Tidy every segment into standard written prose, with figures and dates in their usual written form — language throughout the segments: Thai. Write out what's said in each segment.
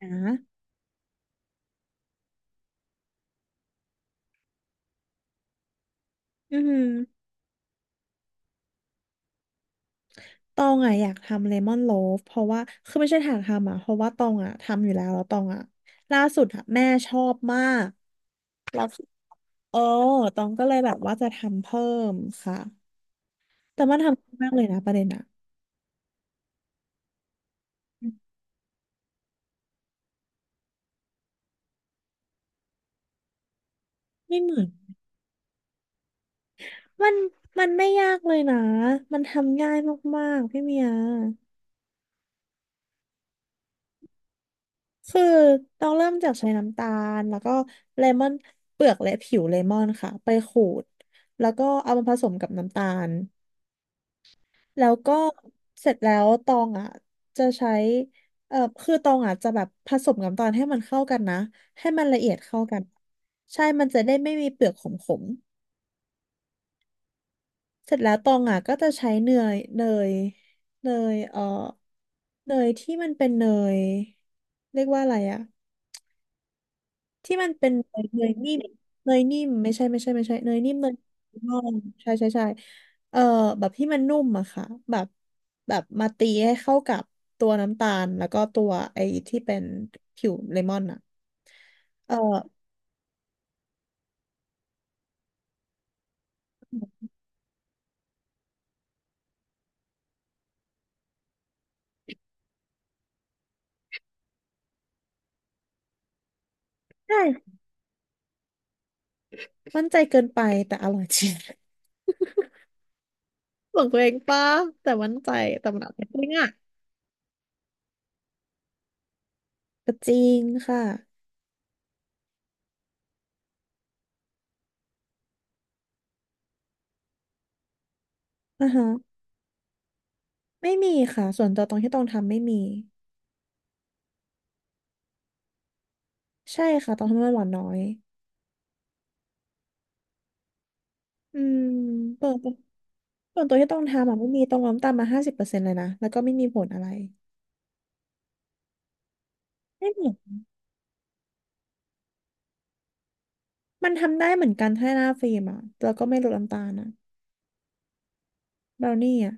นะอือหือตองอ่ะอยากทำเลมอนโลฟเพราะว่าคือไม่ใช่ทางทำอ่ะเพราะว่าตองอ่ะทำอยู่แล้วแล้วตองอ่ะล่าสุดอ่ะแม่ชอบมากแล้วเออตองก็เลยแบบว่าจะทำเพิ่มค่ะแต่มันทำง่ายมากเลยนะประเด็นอ่ะไม่เหมือนมันมันไม่ยากเลยนะมันทำง่ายมากๆพี่เมียคือต้องเริ่มจากใช้น้ำตาลแล้วก็เลมอนเปลือกและผิวเลมอนค่ะไปขูดแล้วก็เอามาผสมกับน้ำตาล แล้วก็เสร็จแล้วตองอ่ะจะใช้คือตองอ่ะจะแบบผสมกัน้ำตาลให้มันเข้ากันนะให้มันละเอียดเข้ากันใช่มันจะได้ไม่มีเปลือกขมๆเสร็จแล้วตองอ่ะก็จะใช้ยเนยเนยเนยที่มันเป็นเนยเรียกว่าอะไรอ่ะ ที่มันเป็นเนยนิ่มเนยนิ่มไม่ใช่ไม่ใช่ไม่ใช่เนยนิ่มเนยร่องใช่เออแบบที่มันนุ่มอะค่ะแบบแบบมาตีให้เข้ากับตัวน้ำตาลแล้วก็ตัวไอ้ที่เป็นผิวเลมอนอะเออใช่มั่นใจเกินไปแต่อร่อยจริง บอกตัวเองป้าแต่มั่นใจแต่มันอร่อยจริงอะก็จริงค่ะอ่าฮะไม่มีค่ะส่วนตัวตรงที่ต้องทำไม่มีใช่ค่ะต้องทำให้หวานน้อยอืมเปิด ส่วนตัวที่ต้องทำอ่ะไม่มีตรงล้มตามมา50%เลยนะแล้วก็ไม่มีผลอะไรไม่มีมันทำได้เหมือนกันถ้าหน้าฟิล์มอ่ะแล้วก็ไม่ลดน้ำตาลนะเบราวนี่อ่ะ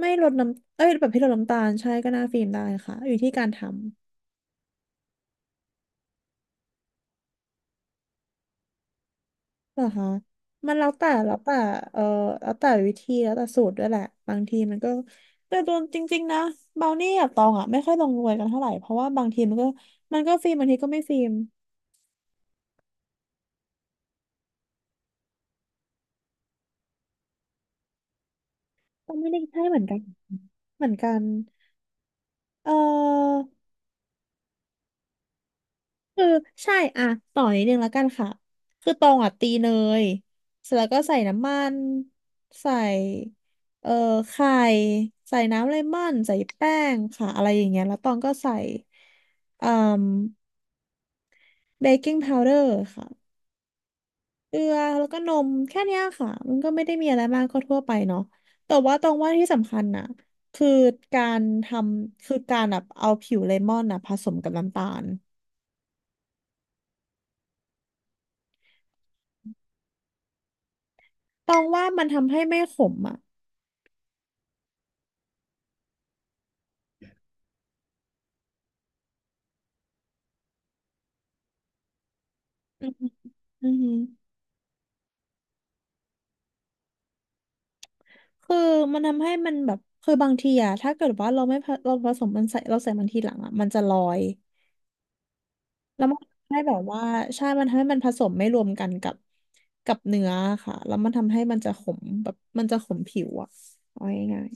ไม่ลดน้ำเอ้ยแบบที่ลดน้ำตาลใช่ก็หน้าฟิล์มได้ค่ะอยู่ที่การทำเหรอคะมันแล้วแต่เออแล้วแต่วิธีแล้วแต่สูตรด้วยแหละบางทีมันก็แต่ตัวจริงๆนะเบราวนี่กับตองอ่ะไม่ค่อยลงรวยกันเท่าไหร่เพราะว่าบางทีมันก็ฟิล์มบางทีก็ไม่ฟิล์มก็ไม่ได้ใช่เหมือนกันเหมือนกันเออ คือใช่อ่ะต่อนิดนึงแล้วกันค่ะคือตองอ่ะตีเนยเสร็จแล้วก็ใส่น้ำมันใส่เอ่อไข่ใส่น้ำเลมอนใส่แป้งค่ะอะไรอย่างเงี้ยแล้วตองก็ใส่อ่เบกกิ้งพาวเดอร์ค่ะเกลือแล้วก็นมแค่เนี้ยค่ะมันก็ไม่ได้มีอะไรมากก็ทั่วไปเนาะแต่ว่าตองว่าที่สำคัญน่ะคือการทำคือการแบบเอาผิวเลมอนน่ะผสมกับน้ำตาลตองว่ามันทำให้ไม่ขมอ่ะ อือหือคือมันทำให้มันแบบคือบางทีอะถ้าเกิดว่าเราผสมมันใส่เราใส่มันทีหลังอะมันจะลอย แล้วมันทำให้แบบว่าใช่มันทำให้มันผสมไม่รวมกันกับกับเนื้อค่ะแล้วมันทำให้มันจะขมแบบมันจะขมผิวอะเอาง่าย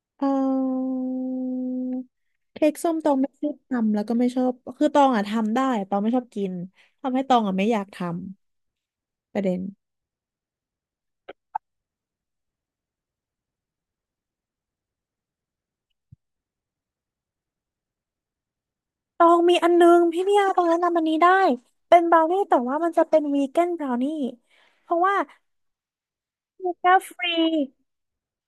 ๆเค้กส้มตองไม่ชอบทำแล้วก็ไม่ชอบคือตองอะทำได้ตองไม่ชอบกินทำให้ตองอะไม่อยากทำประเด็น ตองมีอันนึงพี่เมียตองแนะนำอันนี้ได้เป็นบราวนี่แต่ว่ามันจะเป็นวีแกนบราวนี่เพราะว่าชูการ์ฟรี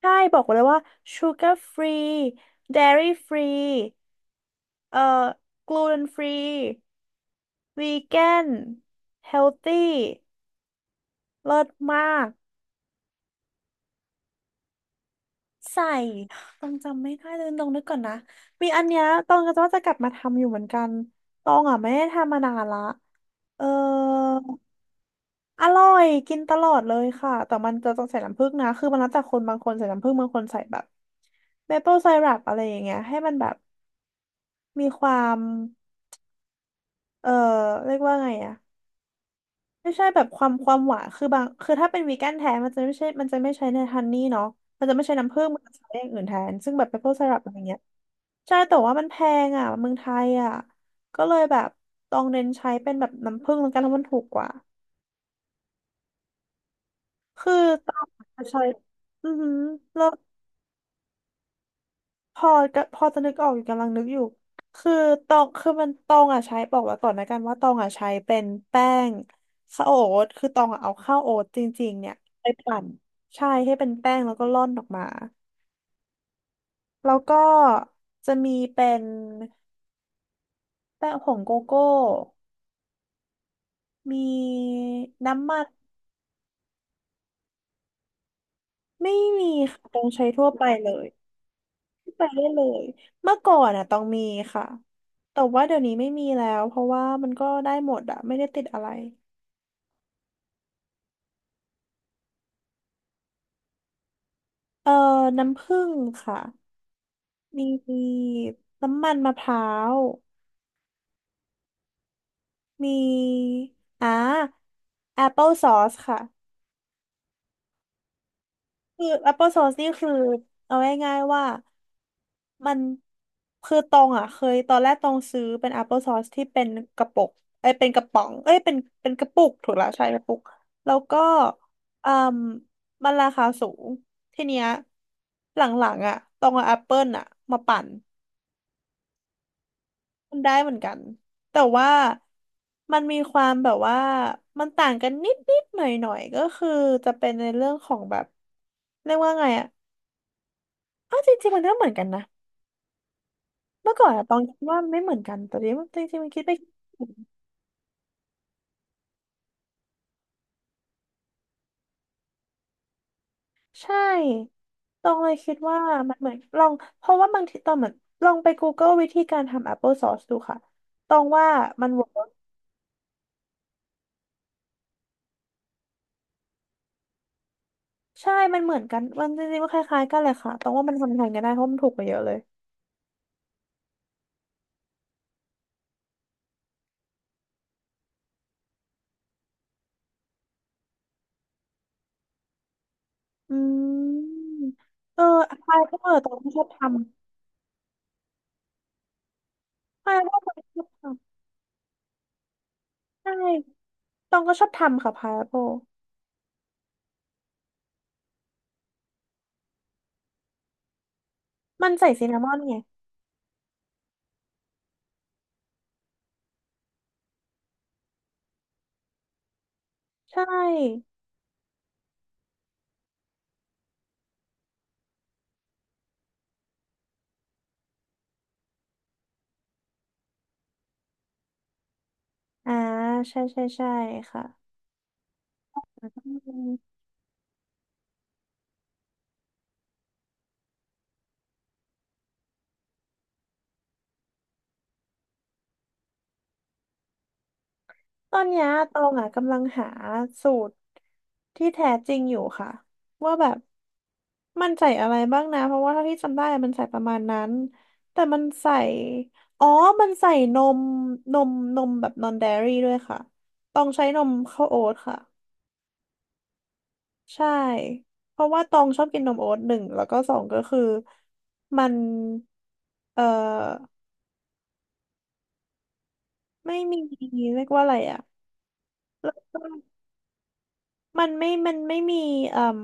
ใช่บอกเลยว่าชูการ์ฟรีเดรี่ฟรีเอ่อกลูเตนฟรีวีแกนเฮลตี้เลิศมากใส่ต้องจำไม่ได้เลยตองนึกก่อนนะมีอันเนี้ยตองก็จะว่าจะกลับมาทำอยู่เหมือนกันตองอ่ะไม่ได้ทำมานานละเออ อร่อยกินตลอดเลยค่ะแต่มันจะต้องใส่น้ำผึ้งนะคือมันแล้วแต่คนบางคนใส่น้ำผึ้งบางคนใส่แบบเมเปิลไซรัปอะไรอย่างเงี้ยให้มันแบบมีความเออเรียกว่าไงอะไม่ใช่แบบความหวานคือบางคือถ้าเป็นวีแกนแท้มันจะไม่ใช่มันจะไม่ใช้ในฮันนี่เนาะมันจะไม่ใช้น้ำผึ้งมันจะใช้อย่างอื่นแทนซึ่งแบบเมเปิลไซรัปอะไรเงี้ยใช่แต่ว่ามันแพงอะเมืองไทยอะก็เลยแบบต้องเน้นใช้เป็นแบบน้ำผึ้งแล้วกันเพราะมันถูกกว่าคือตอนจะใช้อือหือ พอก็พอจะนึกออกอยู่กำลังนึกอยู่คือตองคือมันตองอ่ะใช้บอกไว้ก่อนนะกันว่าตองอ่ะใช้เป็นแป้งข้าวโอ๊ตคือตองอ่ะเอาข้าวโอ๊ตจริงๆเนี่ยไปปั่นใช่ให้เป็นแป้งแล้วก็ร่อนออกมาแล้วก็จะมีเป็นแป้งผงโกโก้มีน้ำมันไม่มีค่ะตองใช้ทั่วไปเลยทั่วไปได้เลยเมื่อก่อนอ่ะตองมีค่ะแต่ว่าเดี๋ยวนี้ไม่มีแล้วเพราะว่ามันก็ได้หมดอ่ะไม่ได้ติดอะไร เอ่อน้ำผึ้งค่ะ มีน้ำมันมะพร้าวมีอ่าแอปเปิลซอสค่ะคือแอปเปิลซอสนี่คือเอาง่ายๆว่ามันคือตองอ่ะเคยตอนแรกตองซื้อเป็นแอปเปิลซอสที่เป็นกระปุกเอ้ยเป็นกระป๋องเอ้ยเป็นเป็นกระปุกถูกแล้วใช่กระปุกแล้วก็อืมมันราคาสูงทีเนี้ยหลังๆอ่ะตองเอาแอปเปิลอ่ะมาปั่น มันได้เหมือนกันแต่ว่ามันมีความแบบว่ามันต่างกันนิดนิดหน่อยหน่อยๆก็คือจะเป็นในเรื่องของแบบเรียกว่าไงอะอ้าวจริงๆมันก็เหมือนกันนะเมื่อก่อนอะตองคิดว่ามันไม่เหมือนกันแต่นี้จริงๆมันคิดไปคิดมาใช่ตองเลยคิดว่ามันเหมือนลองเพราะว่าบางทีตอนเหมือนลองไป Google วิธีการทำ Apple Sauce ดูค่ะตองว่ามันเวิร์กใช่มันเหมือนกันมันจริงๆมันคล้ายๆกันเลยค่ะตองว่ามันทำแทนกันได้เพราะมันถูกกว่าเยอะเลย อืมเออพายก็ตองก็ชอบทำพายก็ตองชอบทำใช่ตองก็ชอบทำค่ะพายโปมันใส่ซินนามอนไงใช่อ่าใช่ใช่ใช่ค่ะ ตอนเนี้ยตองอ่ะกำลังหาสูตรที่แท้จริงอยู่ค่ะว่าแบบมันใส่อะไรบ้างนะเพราะว่าเท่าที่จำได้มันใส่ประมาณนั้นแต่มันใส่อ๋อมันใส่นมนมนมแบบนอน D A I รี่ด้วยค่ะต้องใช้นมข้าวโอ๊ตค่ะใช่เพราะว่าตองชอบกินนมโอ๊ตหนึ่งแล้วก็สองก็คือมันเอ่อไม่มีเรียกว่าอะไรอะ มันไม่มีเอ่ม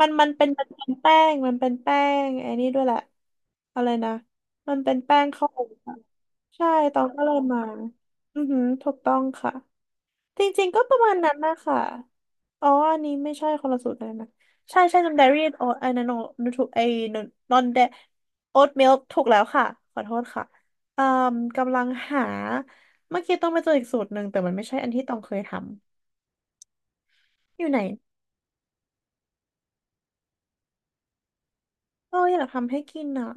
มันเป็นแป้งไอ้นี่ด้วยแหละอะไรนะมันเป็นแป้งข้าวโอ๊ตอะใช่ตองก็เลยมาอือหือถูกต้องค่ะจริงๆก็ประมาณนั้นนะคะอ๋ออันนี้ไม่ใช่คนละสูตรเลยนะใช่ใช่นมเดอรี่โอ๊ตไอ้นั่นนถูกไอ้นอนเดโอ๊ตมิลถูกแล้วค่ะขอโทษค่ะอ่มกำลังหาเมื่อกี้ต้องไปเจออีกสูตรหนึ่งแต่มันไม่ใช่อันที่ต้องเคยทำอยู่ไหน เอออยากทำให้กินอ่ะ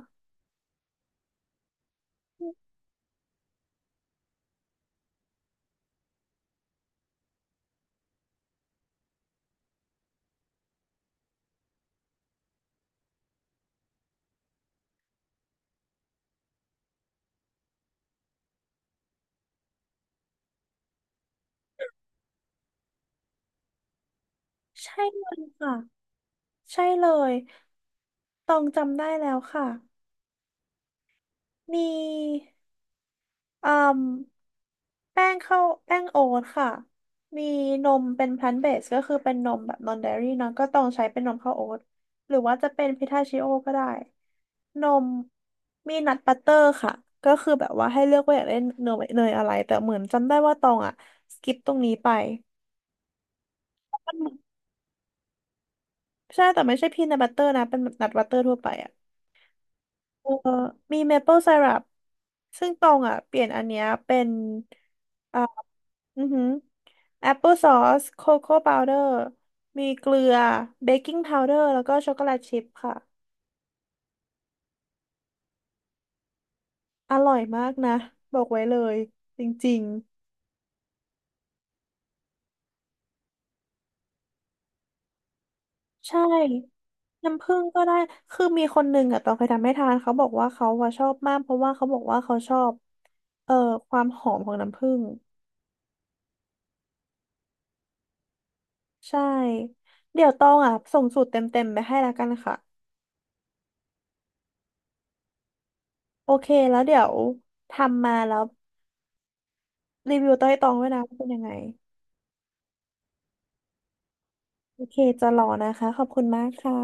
ใช่เลยค่ะใช่เลยตองจำได้แล้วค่ะมีอืมแป้งข้าวแป้งโอ๊ตค่ะมีนมเป็นพลันเบสก็คือเป็นนมแบบนอนเดอรี่เนอะก็ต้องใช้เป็นนมข้าวโอ๊ตหรือว่าจะเป็นพิทาชิโอก็ได้นมมีนัทบัตเตอร์ค่ะก็คือแบบว่าให้เลือกว่าอยากได้เนยอะไรแต่เหมือนจำได้ว่าตองอ่ะสกิปตรงนี้ไปมันใช่แต่ไม่ใช่พีนัทบัตเตอร์นะเป็นนัทบัตเตอร์ทั่วไปอ่ะ เออมีเมเปิลไซรัปซึ่งตองอ่ะเปลี่ยนอันเนี้ยเป็นอ่าอือหือแอปเปิลซอสโคโค่พาวเดอร์มีเกลือเบกกิ้งพาวเดอร์แล้วก็ช็อกโกแลตชิพค่ะอร่อยมากนะบอกไว้เลยจริงๆใช่น้ำผึ้งก็ได้คือมีคนหนึ่งอ่ะตองเคยทำให้ทานเขาบอกว่าเขาอะชอบมากเพราะว่าเขาบอกว่าเขาชอบเอ่อความหอมของน้ำผึ้งใช่เดี๋ยวตองอ่ะส่งสูตรเต็มๆไปให้แล้วกันค่ะ โอเค แล้วเดี๋ยวทำมาแล้วรีวิวต้อยตองด้วยนะว่าเป็นยังไง โอเค จะรอนะคะ ขอบคุณมากค่ะ